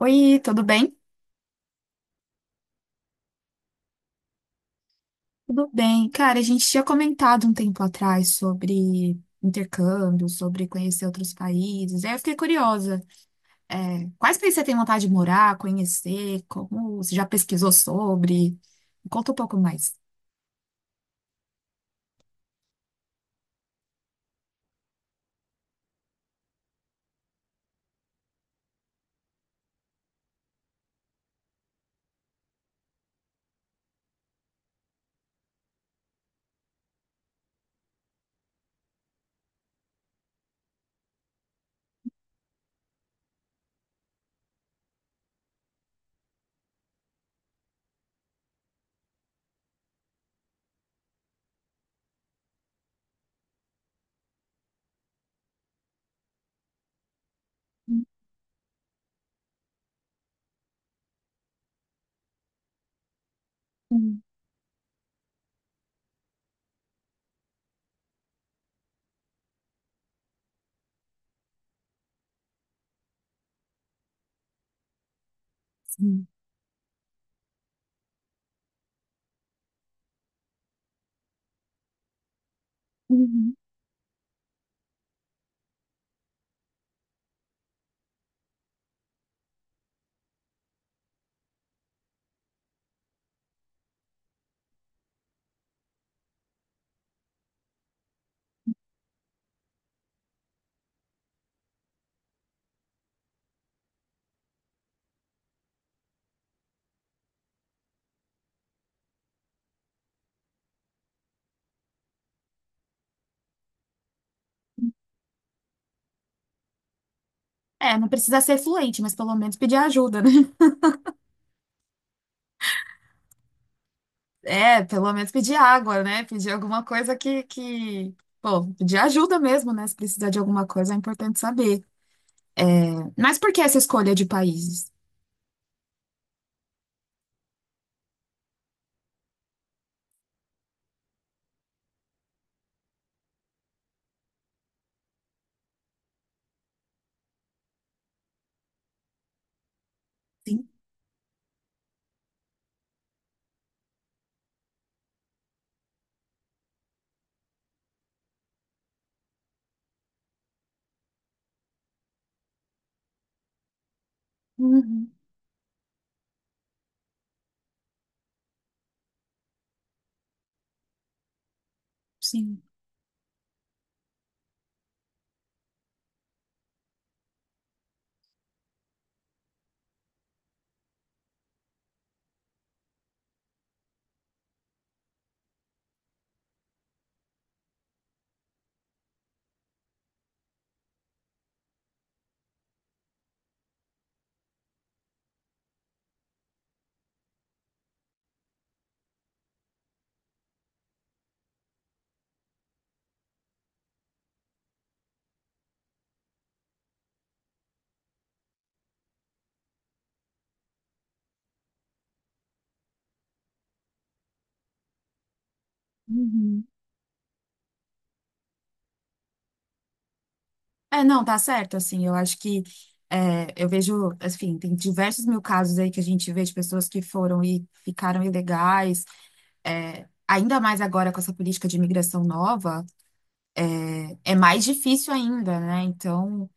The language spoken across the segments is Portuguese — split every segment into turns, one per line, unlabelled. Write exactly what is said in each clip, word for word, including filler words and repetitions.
Oi, tudo bem? Tudo bem. Cara, a gente tinha comentado um tempo atrás sobre intercâmbio, sobre conhecer outros países. Aí eu fiquei curiosa. É, quais países você tem vontade de morar, conhecer? Como você já pesquisou sobre? Me Conta um pouco mais. Hum, hum, sim. Uhum. É, não precisa ser fluente, mas pelo menos pedir ajuda, né? É, pelo menos pedir água, né? Pedir alguma coisa que, que... Pô, pedir ajuda mesmo, né? Se precisar de alguma coisa, é importante saber. Mas por que essa escolha de países? Sim, uhum, sim. Uhum. É, não, tá certo, assim, eu acho que é, eu vejo, assim, tem diversos mil casos aí que a gente vê de pessoas que foram e ficaram ilegais, é, ainda mais agora com essa política de imigração nova, é mais difícil ainda, né? Então,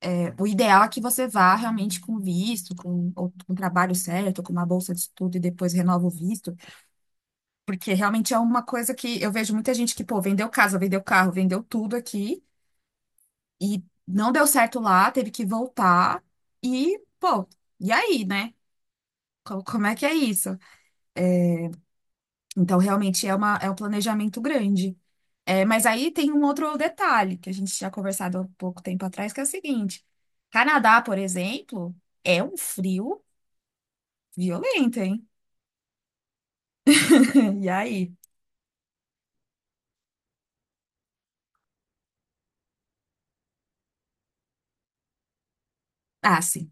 é, o ideal é que você vá realmente com visto, com, ou, com um trabalho certo, com uma bolsa de estudo e depois renova o visto, porque realmente é uma coisa que eu vejo muita gente que, pô, vendeu casa, vendeu carro, vendeu tudo aqui. E não deu certo lá, teve que voltar. E, pô, e aí, né? Co- Como é que é isso? Então, realmente é uma, é um planejamento grande. É, mas aí tem um outro detalhe que a gente tinha conversado há pouco tempo atrás, que é o seguinte: Canadá, por exemplo, é um frio violento, hein? E aí? Ah, sim.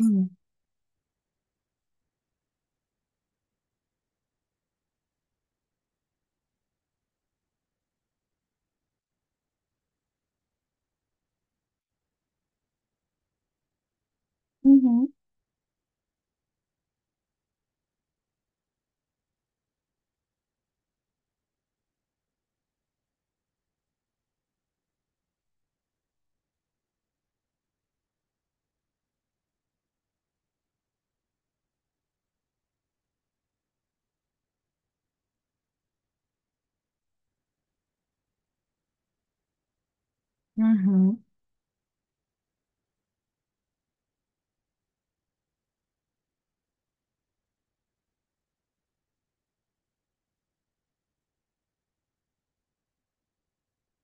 Sim. Uhum, uhum,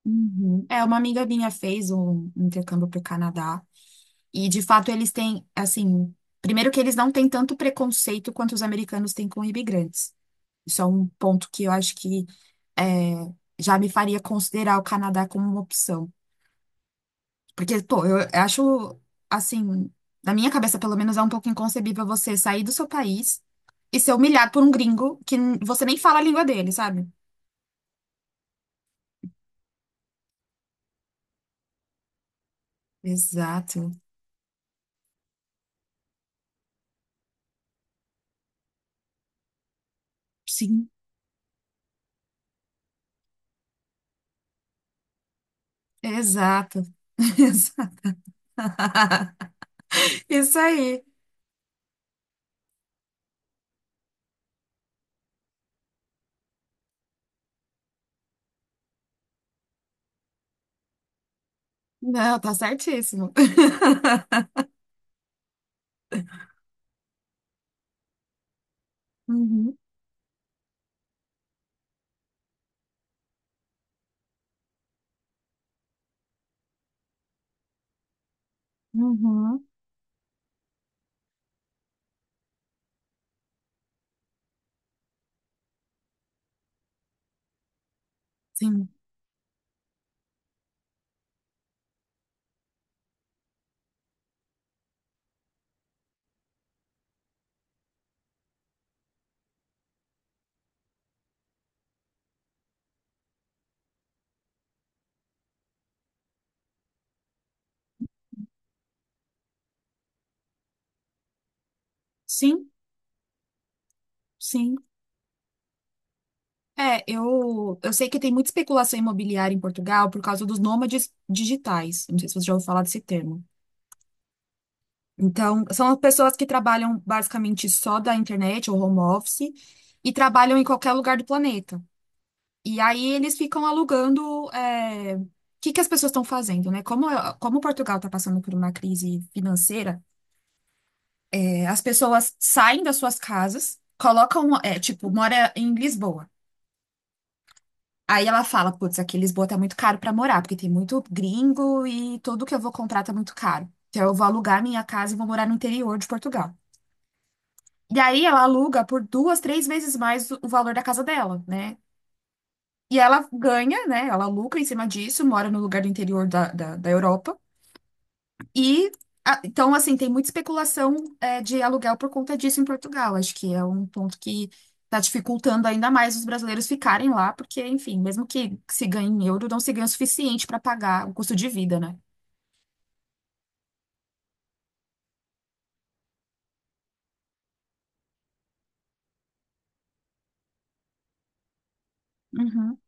uhum. É, uma amiga minha fez um intercâmbio para o Canadá. E de fato eles têm, assim, primeiro que eles não têm tanto preconceito quanto os americanos têm com imigrantes. Isso é um ponto que eu acho que é, já me faria considerar o Canadá como uma opção. Porque, pô, eu acho, assim, na minha cabeça pelo menos é um pouco inconcebível você sair do seu país e ser humilhado por um gringo que n- você nem fala a língua dele, sabe? Exato. Sim. Exato. Isso aí. Não, tá certíssimo. Uhum. Uhum. Sim, sim, sim. É, eu, eu sei que tem muita especulação imobiliária em Portugal por causa dos nômades digitais. Não sei se você já ouviu falar desse termo. Então, são as pessoas que trabalham basicamente só da internet ou home office e trabalham em qualquer lugar do planeta. E aí eles ficam alugando. é, O que que as pessoas estão fazendo, né? Como, como Portugal está passando por uma crise financeira, é, as pessoas saem das suas casas, colocam, é, tipo, mora em Lisboa. Aí ela fala, putz, aqui em Lisboa tá muito caro pra morar, porque tem muito gringo e tudo que eu vou comprar tá muito caro. Então eu vou alugar minha casa e vou morar no interior de Portugal. E aí ela aluga por duas, três vezes mais o o valor da casa dela, né? E ela ganha, né? Ela lucra em cima disso, mora no lugar do interior da, da, da Europa. E, ah, então, assim, tem muita especulação, é, de aluguel por conta disso em Portugal. Acho que é um ponto que está dificultando ainda mais os brasileiros ficarem lá, porque, enfim, mesmo que se ganhe em euro, não se ganha o suficiente para pagar o custo de vida, né? Uhum,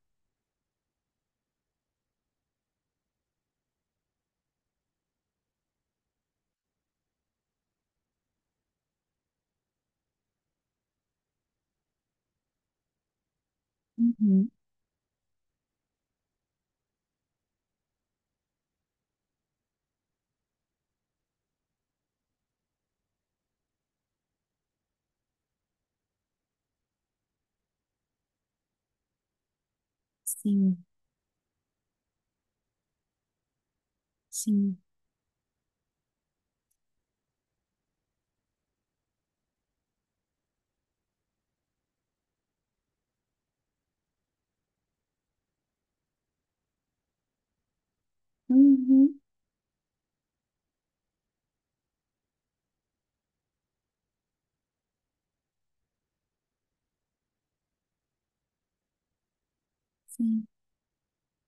uhum, sim, sim, uhum, sim.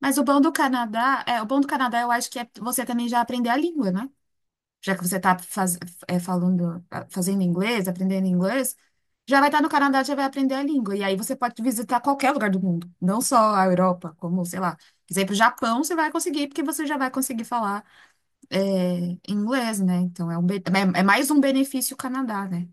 Mas o bom do Canadá, é, o bom do Canadá eu acho que é você também já aprender a língua, né? Já que você está faz, é, falando, fazendo inglês, aprendendo inglês, já vai estar no Canadá, já vai aprender a língua. E aí você pode visitar qualquer lugar do mundo, não só a Europa, como, sei lá, quiser ir para o Japão, você vai conseguir, porque você já vai conseguir falar é, inglês, né? Então é, um, be- é, é mais um benefício Canadá, né?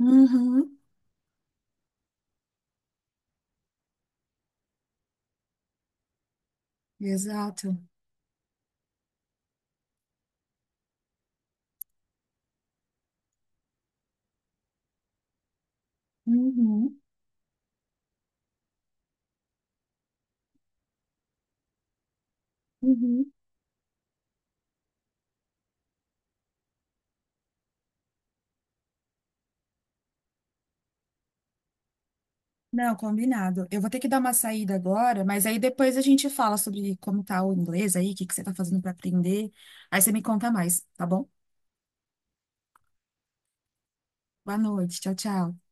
Uhum, exato. Uhum, uhum. Não, combinado. Eu vou ter que dar uma saída agora, mas aí depois a gente fala sobre como tá o inglês aí, o que que você tá fazendo para aprender. Aí você me conta mais, tá bom? Boa noite. Tchau, tchau.